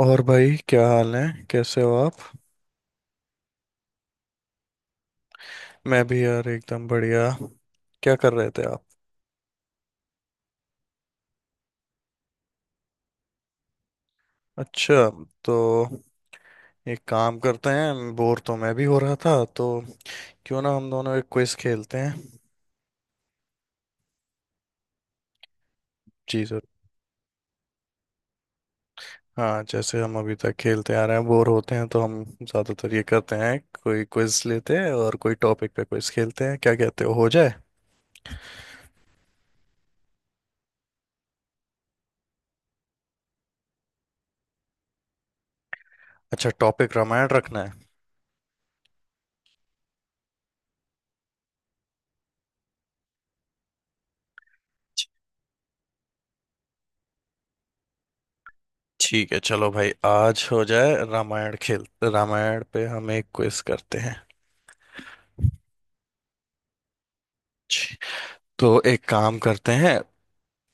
और भाई क्या हाल है। कैसे हो आप। मैं भी यार एकदम बढ़िया। क्या कर रहे थे आप। अच्छा, तो एक काम करते हैं, बोर तो मैं भी हो रहा था, तो क्यों ना हम दोनों एक क्विज खेलते हैं। जी सर। हाँ, जैसे हम अभी तक खेलते आ रहे हैं, बोर होते हैं तो हम ज़्यादातर ये करते हैं, कोई क्विज लेते हैं और कोई टॉपिक पे क्विज खेलते हैं। क्या कहते हो जाए। अच्छा, टॉपिक रामायण रखना है। ठीक है, चलो भाई, आज हो जाए रामायण खेल। रामायण पे हम एक क्विज करते हैं। तो एक काम करते हैं,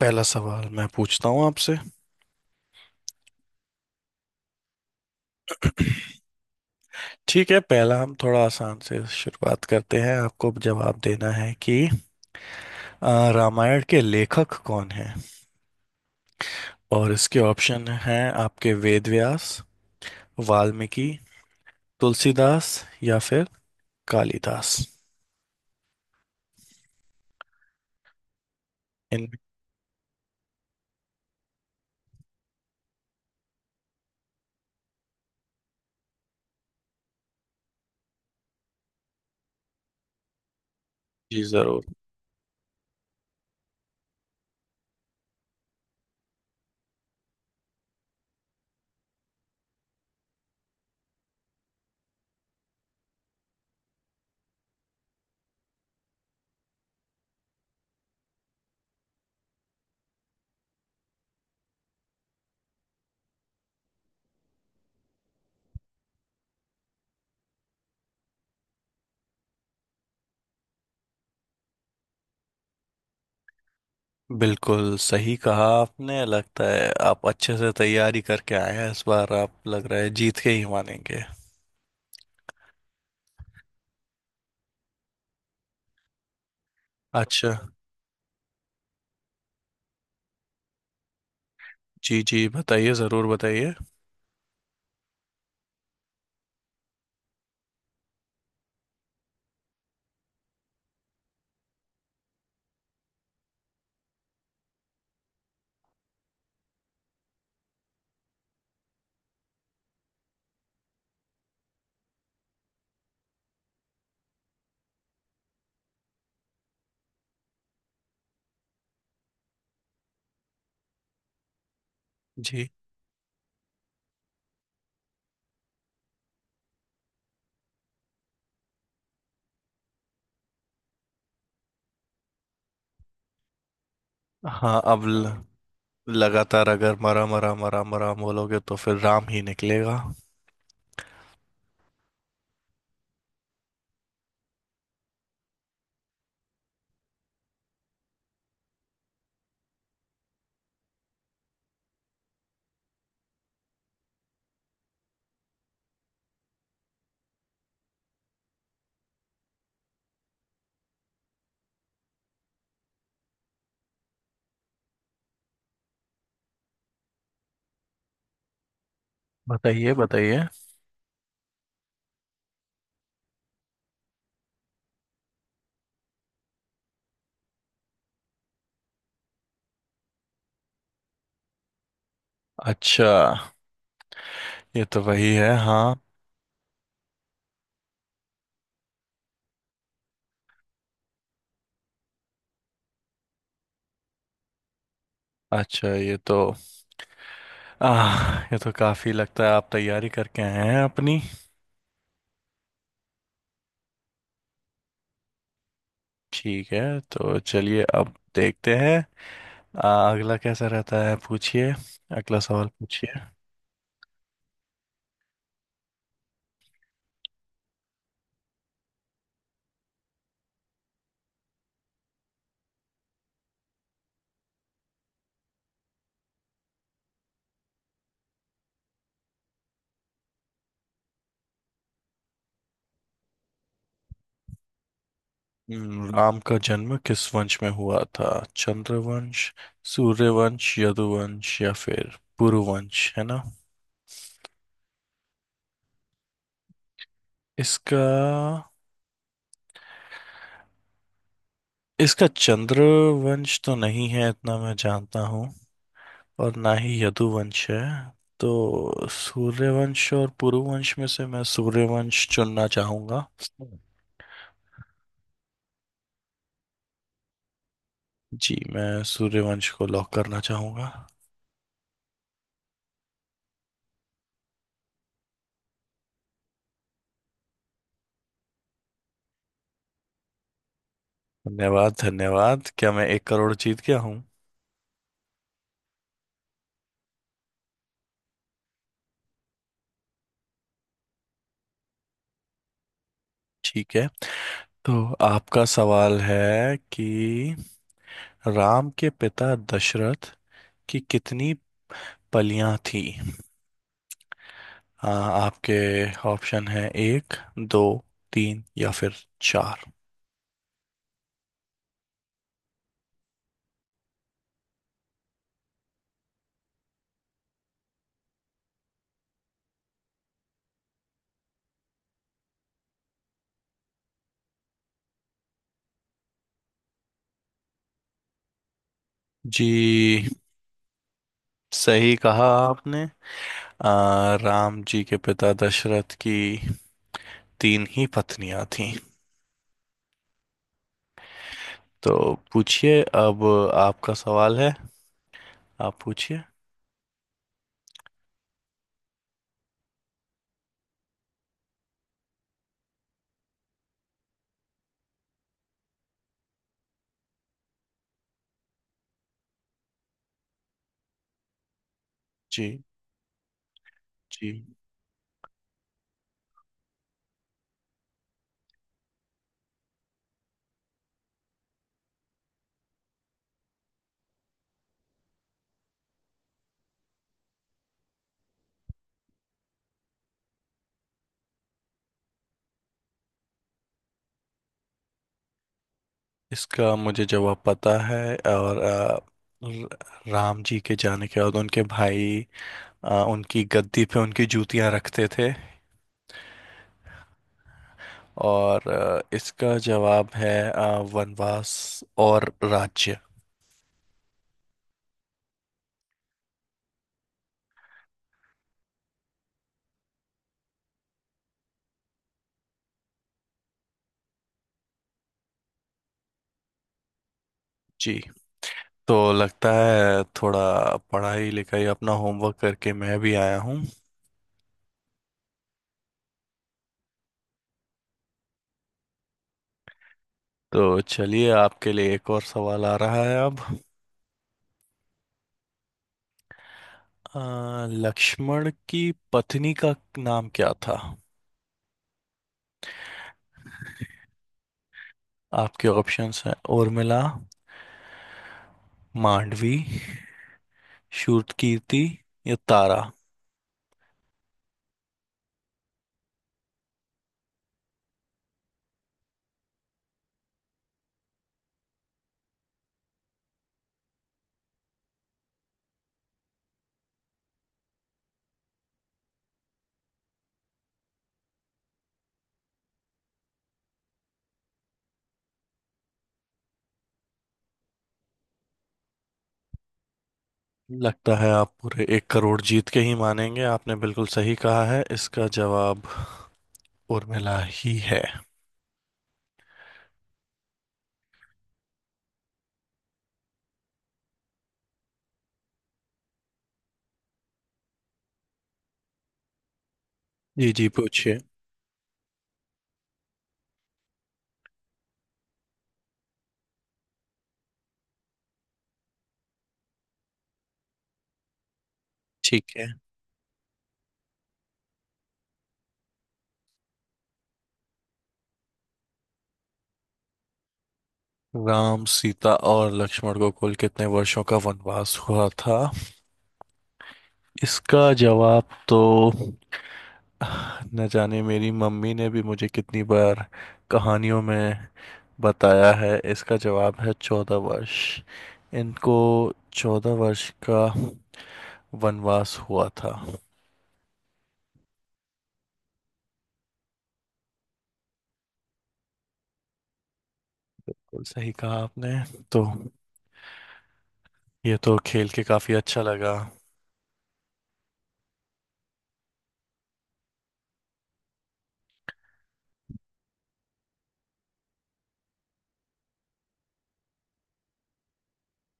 पहला सवाल मैं पूछता हूँ आपसे। ठीक है, पहला हम थोड़ा आसान से शुरुआत करते हैं, आपको जवाब देना है कि रामायण के लेखक कौन हैं। और इसके ऑप्शन हैं आपके — वेद व्यास, वाल्मीकि, तुलसीदास, या फिर कालिदास। इन जी जरूर। बिल्कुल सही कहा आपने, लगता है आप अच्छे से तैयारी करके आए हैं, इस बार आप लग रहा है जीत के ही मानेंगे। अच्छा। जी जी, बताइए जरूर बताइए। जी। हाँ, लगातार अगर मरा मरा मरा मरा बोलोगे तो फिर राम ही निकलेगा। बताइए बताइए। अच्छा, ये तो वही है, हाँ। अच्छा, ये तो आह, ये तो काफी लगता है आप तैयारी करके आए हैं अपनी। ठीक है, तो चलिए अब देखते हैं अगला कैसा रहता है, पूछिए। अगला सवाल पूछिए। राम का जन्म किस वंश में हुआ था। चंद्रवंश, सूर्यवंश, यदुवंश या फिर पुरुवंश, है ना। इसका इसका चंद्रवंश तो नहीं है, इतना मैं जानता हूँ। और ना ही यदुवंश है। तो सूर्यवंश और पुरुवंश में से मैं सूर्यवंश चुनना चाहूंगा। जी, मैं सूर्यवंश को लॉक करना चाहूंगा। धन्यवाद धन्यवाद, क्या मैं 1 करोड़ जीत गया हूँ। ठीक है, तो आपका सवाल है कि राम के पिता दशरथ की कितनी पलियां थी। आपके ऑप्शन है — एक, दो, तीन या फिर चार। जी। सही कहा आपने, राम जी के पिता दशरथ की तीन ही पत्नियां थीं। तो पूछिए अब, आपका सवाल है, आप पूछिए। जी जी। इसका मुझे जवाब पता है, और राम जी के जाने के बाद उनके भाई उनकी गद्दी पे उनकी जूतियां रखते थे। और इसका जवाब है वनवास और राज्य। जी। तो लगता है थोड़ा पढ़ाई लिखाई अपना होमवर्क करके मैं भी आया हूँ। तो चलिए, आपके लिए एक और सवाल आ रहा है अब। अ, लक्ष्मण की पत्नी का नाम क्या था। आपके ऑप्शंस हैं — उर्मिला, मांडवी, शूरकीर्ति या तारा। लगता है आप पूरे 1 करोड़ जीत के ही मानेंगे, आपने बिल्कुल सही कहा है, इसका जवाब उर्मिला ही है। जी जी, पूछिए। ठीक है। राम, सीता और लक्ष्मण को कुल कितने वर्षों का वनवास हुआ था। इसका जवाब तो, न जाने मेरी मम्मी ने भी मुझे कितनी बार कहानियों में बताया है, इसका जवाब है 14 वर्ष। इनको 14 वर्ष का वनवास हुआ था। बिल्कुल सही कहा आपने। तो ये तो खेल के काफी अच्छा लगा।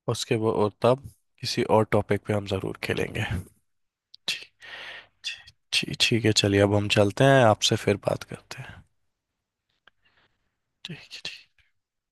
उसके वो और तब किसी और टॉपिक पे हम जरूर खेलेंगे। ठीक। ठीक। ठीक। ठीक है, चलिए अब हम चलते हैं, आपसे फिर बात करते हैं। ठीक है। ठीक।